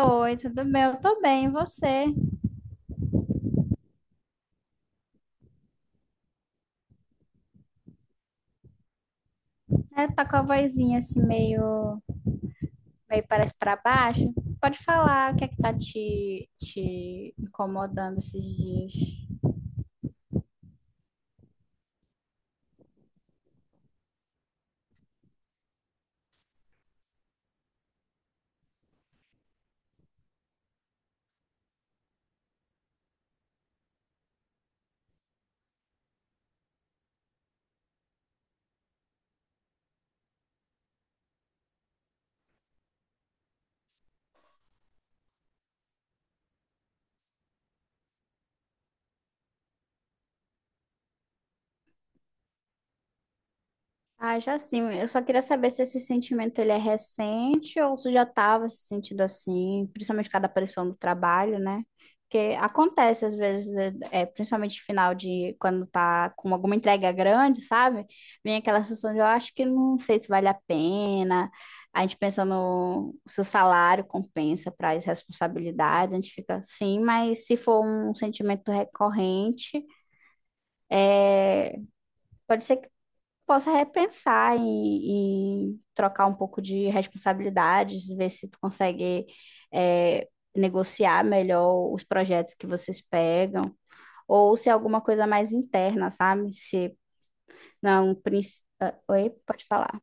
Oi, tudo bem? Eu tô bem, e você? É, tá com a vozinha assim meio, meio parece pra baixo. Pode falar o que é que tá te incomodando esses dias. Ah, já sim. Eu só queria saber se esse sentimento ele é recente ou se já estava se sentindo assim, principalmente por causa da pressão do trabalho, né? Porque acontece às vezes, né, principalmente final de quando tá com alguma entrega grande, sabe? Vem aquela sensação de eu acho que não sei se vale a pena. A gente pensa no se o salário compensa para as responsabilidades, a gente fica assim, mas se for um sentimento recorrente, pode ser possa repensar e trocar um pouco de responsabilidades, ver se tu consegue é, negociar melhor os projetos que vocês pegam, ou se é alguma coisa mais interna, sabe? Se não, ah, oi, pode falar.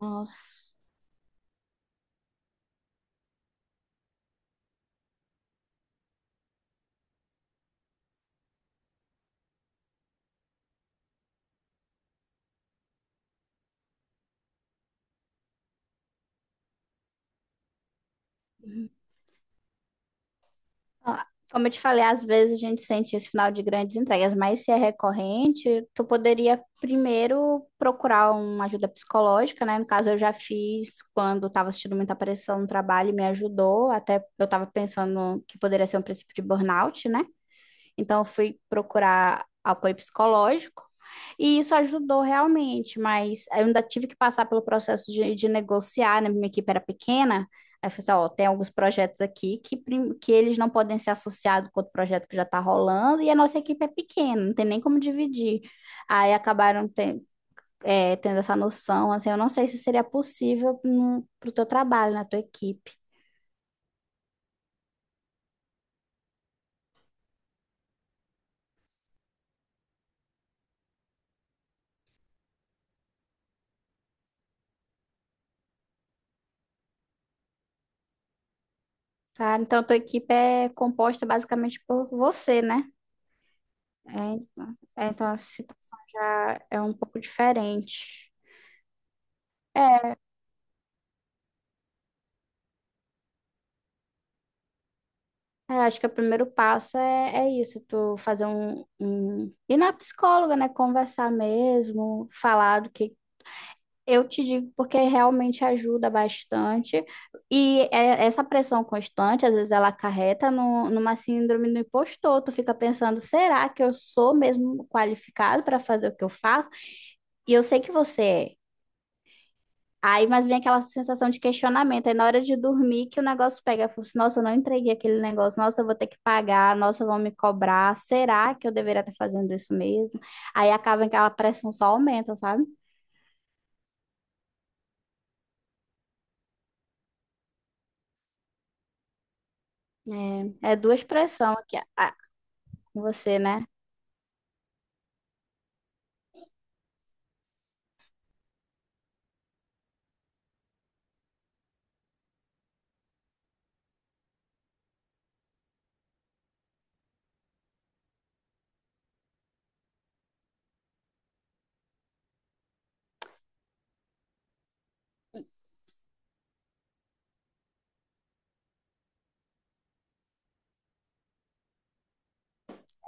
Nossa. Ó, como eu te falei, às vezes a gente sente esse final de grandes entregas, mas se é recorrente, tu poderia primeiro procurar uma ajuda psicológica, né? No caso, eu já fiz quando estava assistindo muita pressão no trabalho e me ajudou, até eu estava pensando que poderia ser um princípio de burnout, né? Então, eu fui procurar apoio psicológico e isso ajudou realmente, mas eu ainda tive que passar pelo processo de negociar, né? Minha equipe era pequena. Aí eu falei assim, ó, tem alguns projetos aqui que, que eles não podem ser associados com outro projeto que já está rolando, e a nossa equipe é pequena, não tem nem como dividir. Aí acabaram ten- é, tendo essa noção, assim, eu não sei se seria possível para o teu trabalho, na tua equipe. Ah, então, a tua equipe é composta basicamente por você, né? É, então, então a situação já é um pouco diferente. É, é, acho que o primeiro passo é isso, tu fazer um... Ir na psicóloga, né? Conversar mesmo, falar do que... Eu te digo porque realmente ajuda bastante. E essa pressão constante, às vezes ela acarreta no, numa síndrome do impostor. Tu fica pensando, será que eu sou mesmo qualificado para fazer o que eu faço? E eu sei que você é. Aí, mas vem aquela sensação de questionamento. Aí, na hora de dormir, que o negócio pega. Eu falo assim, nossa, eu não entreguei aquele negócio. Nossa, eu vou ter que pagar. Nossa, vão me cobrar. Será que eu deveria estar fazendo isso mesmo? Aí, acaba que aquela pressão só aumenta, sabe? É, é duas pressões aqui ah, com você, né?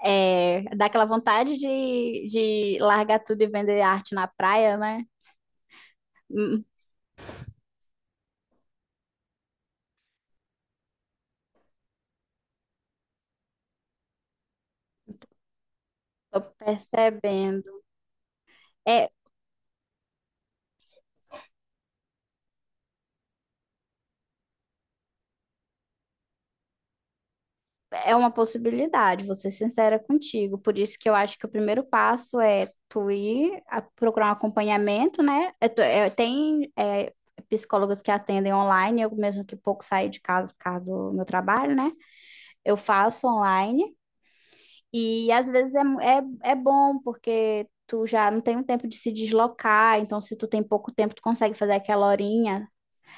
É, dá aquela vontade de largar tudo e vender arte na praia, né? Hum, tô percebendo. É, é uma possibilidade, vou ser sincera contigo. Por isso que eu acho que o primeiro passo é tu procurar um acompanhamento, né? É tem é, psicólogas que atendem online, eu mesmo que pouco saio de casa por causa do meu trabalho, né? Eu faço online e às vezes é bom porque tu já não tem um tempo de se deslocar, então se tu tem pouco tempo, tu consegue fazer aquela horinha.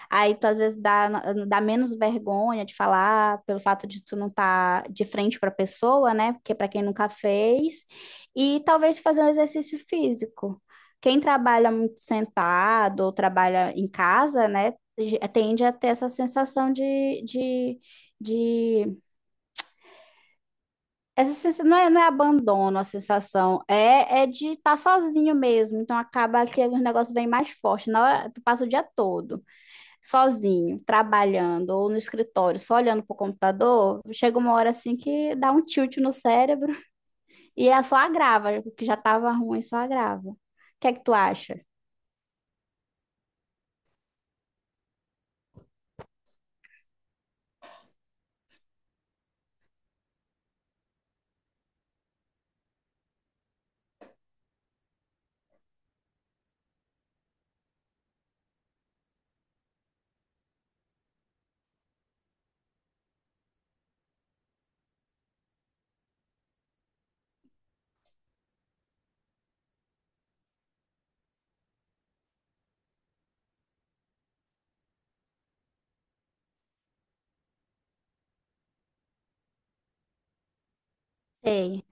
Aí tu às vezes dá menos vergonha de falar pelo fato de tu não estar tá de frente para a pessoa, né? Porque para quem nunca fez, e talvez fazer um exercício físico. Quem trabalha muito sentado ou trabalha em casa, né? Tende a ter essa sensação de... Essa sensação, não é, não é abandono a sensação, é de estar sozinho mesmo. Então acaba que o negócio vem mais forte. Na hora, tu passa o dia todo sozinho, trabalhando ou no escritório, só olhando pro computador, chega uma hora assim que dá um tilt no cérebro e é só agrava, o que já estava ruim só agrava. O que é que tu acha? Sei.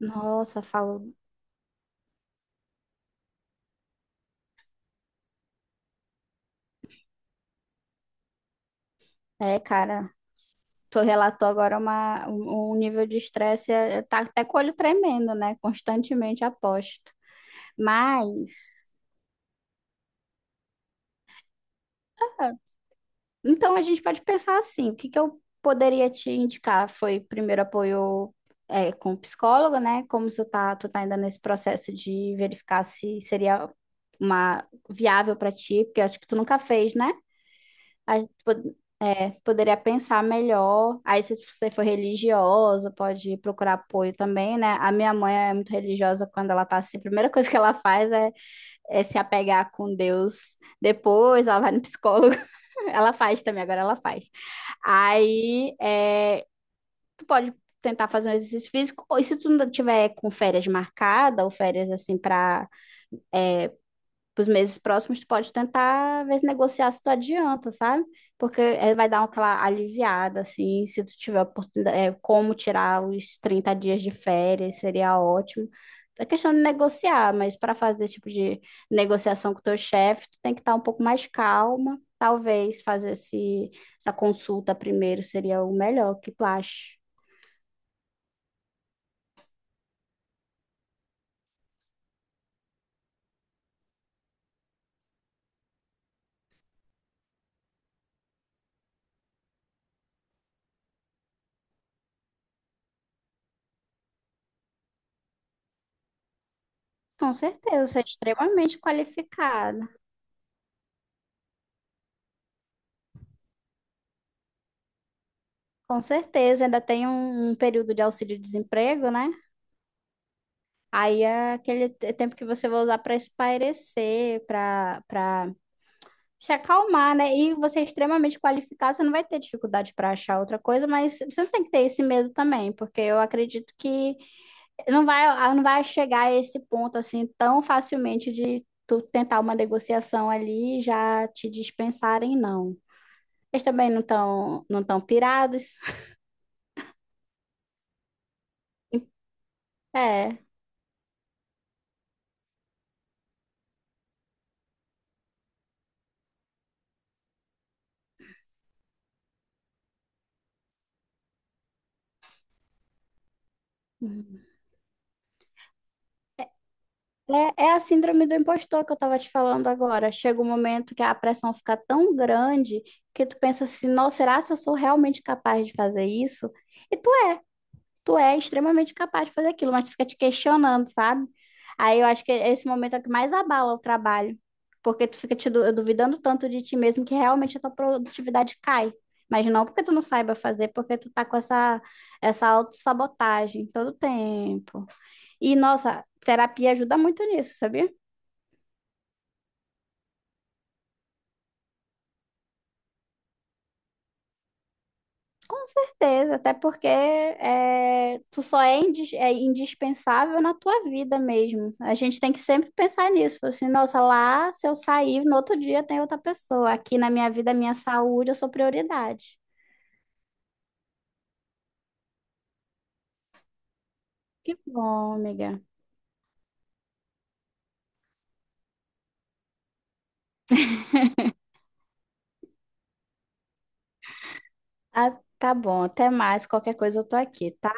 Nossa, falo, é, cara, tu relatou agora um nível de estresse, é, tá até com o olho tremendo, né? Constantemente aposto. Mas então, a gente pode pensar assim, o que que eu poderia te indicar? Foi primeiro apoio é, com o psicólogo, né? Como tu tá ainda nesse processo de verificar se seria uma viável para ti, porque eu acho que tu nunca fez, né? A gente pod- é, poderia pensar melhor. Aí, se você for religiosa, pode procurar apoio também, né? A minha mãe é muito religiosa quando ela tá assim, a primeira coisa que ela faz é se apegar com Deus. Depois ela vai no psicólogo. Ela faz também, agora ela faz. Aí, é, tu pode tentar fazer um exercício físico, ou se tu não tiver com férias marcada, ou férias assim para os meses próximos, tu pode tentar ver se negociar se tu adianta, sabe? Porque é, vai dar uma aquela aliviada, assim, se tu tiver oportunidade, é, como tirar os 30 dias de férias, seria ótimo. É questão de negociar, mas para fazer esse tipo de negociação com o teu chefe, tu tem que estar um pouco mais calma. Talvez fazer essa consulta primeiro seria o melhor, o que tu acha? Com certeza, você é extremamente qualificada. Com certeza, ainda tem um período de auxílio-desemprego, né? Aí é aquele tempo que você vai usar para espairecer, para se acalmar, né? E você é extremamente qualificado, você não vai ter dificuldade para achar outra coisa, mas você não tem que ter esse medo também, porque eu acredito que não vai, ah, não vai chegar a esse ponto assim tão facilmente de tu tentar uma negociação ali e já te dispensarem, não. Eles também não estão não tão pirados. É. É, é a síndrome do impostor que eu tava te falando agora. Chega um momento que a pressão fica tão grande que tu pensa assim, nossa, será que eu sou realmente capaz de fazer isso? E tu é extremamente capaz de fazer aquilo, mas tu fica te questionando, sabe? Aí eu acho que esse momento é o que mais abala o trabalho, porque tu fica te duvidando tanto de ti mesmo que realmente a tua produtividade cai. Mas não porque tu não saiba fazer, porque tu tá com essa, essa autossabotagem todo tempo. E, nossa, terapia ajuda muito nisso, sabia? Com certeza, até porque é, tu só é, é indispensável na tua vida mesmo. A gente tem que sempre pensar nisso. Falar assim, nossa, lá se eu sair, no outro dia tem outra pessoa. Aqui na minha vida, minha saúde, eu sou prioridade. Que bom, amiga. Ah, tá bom, até mais. Qualquer coisa eu tô aqui, tá?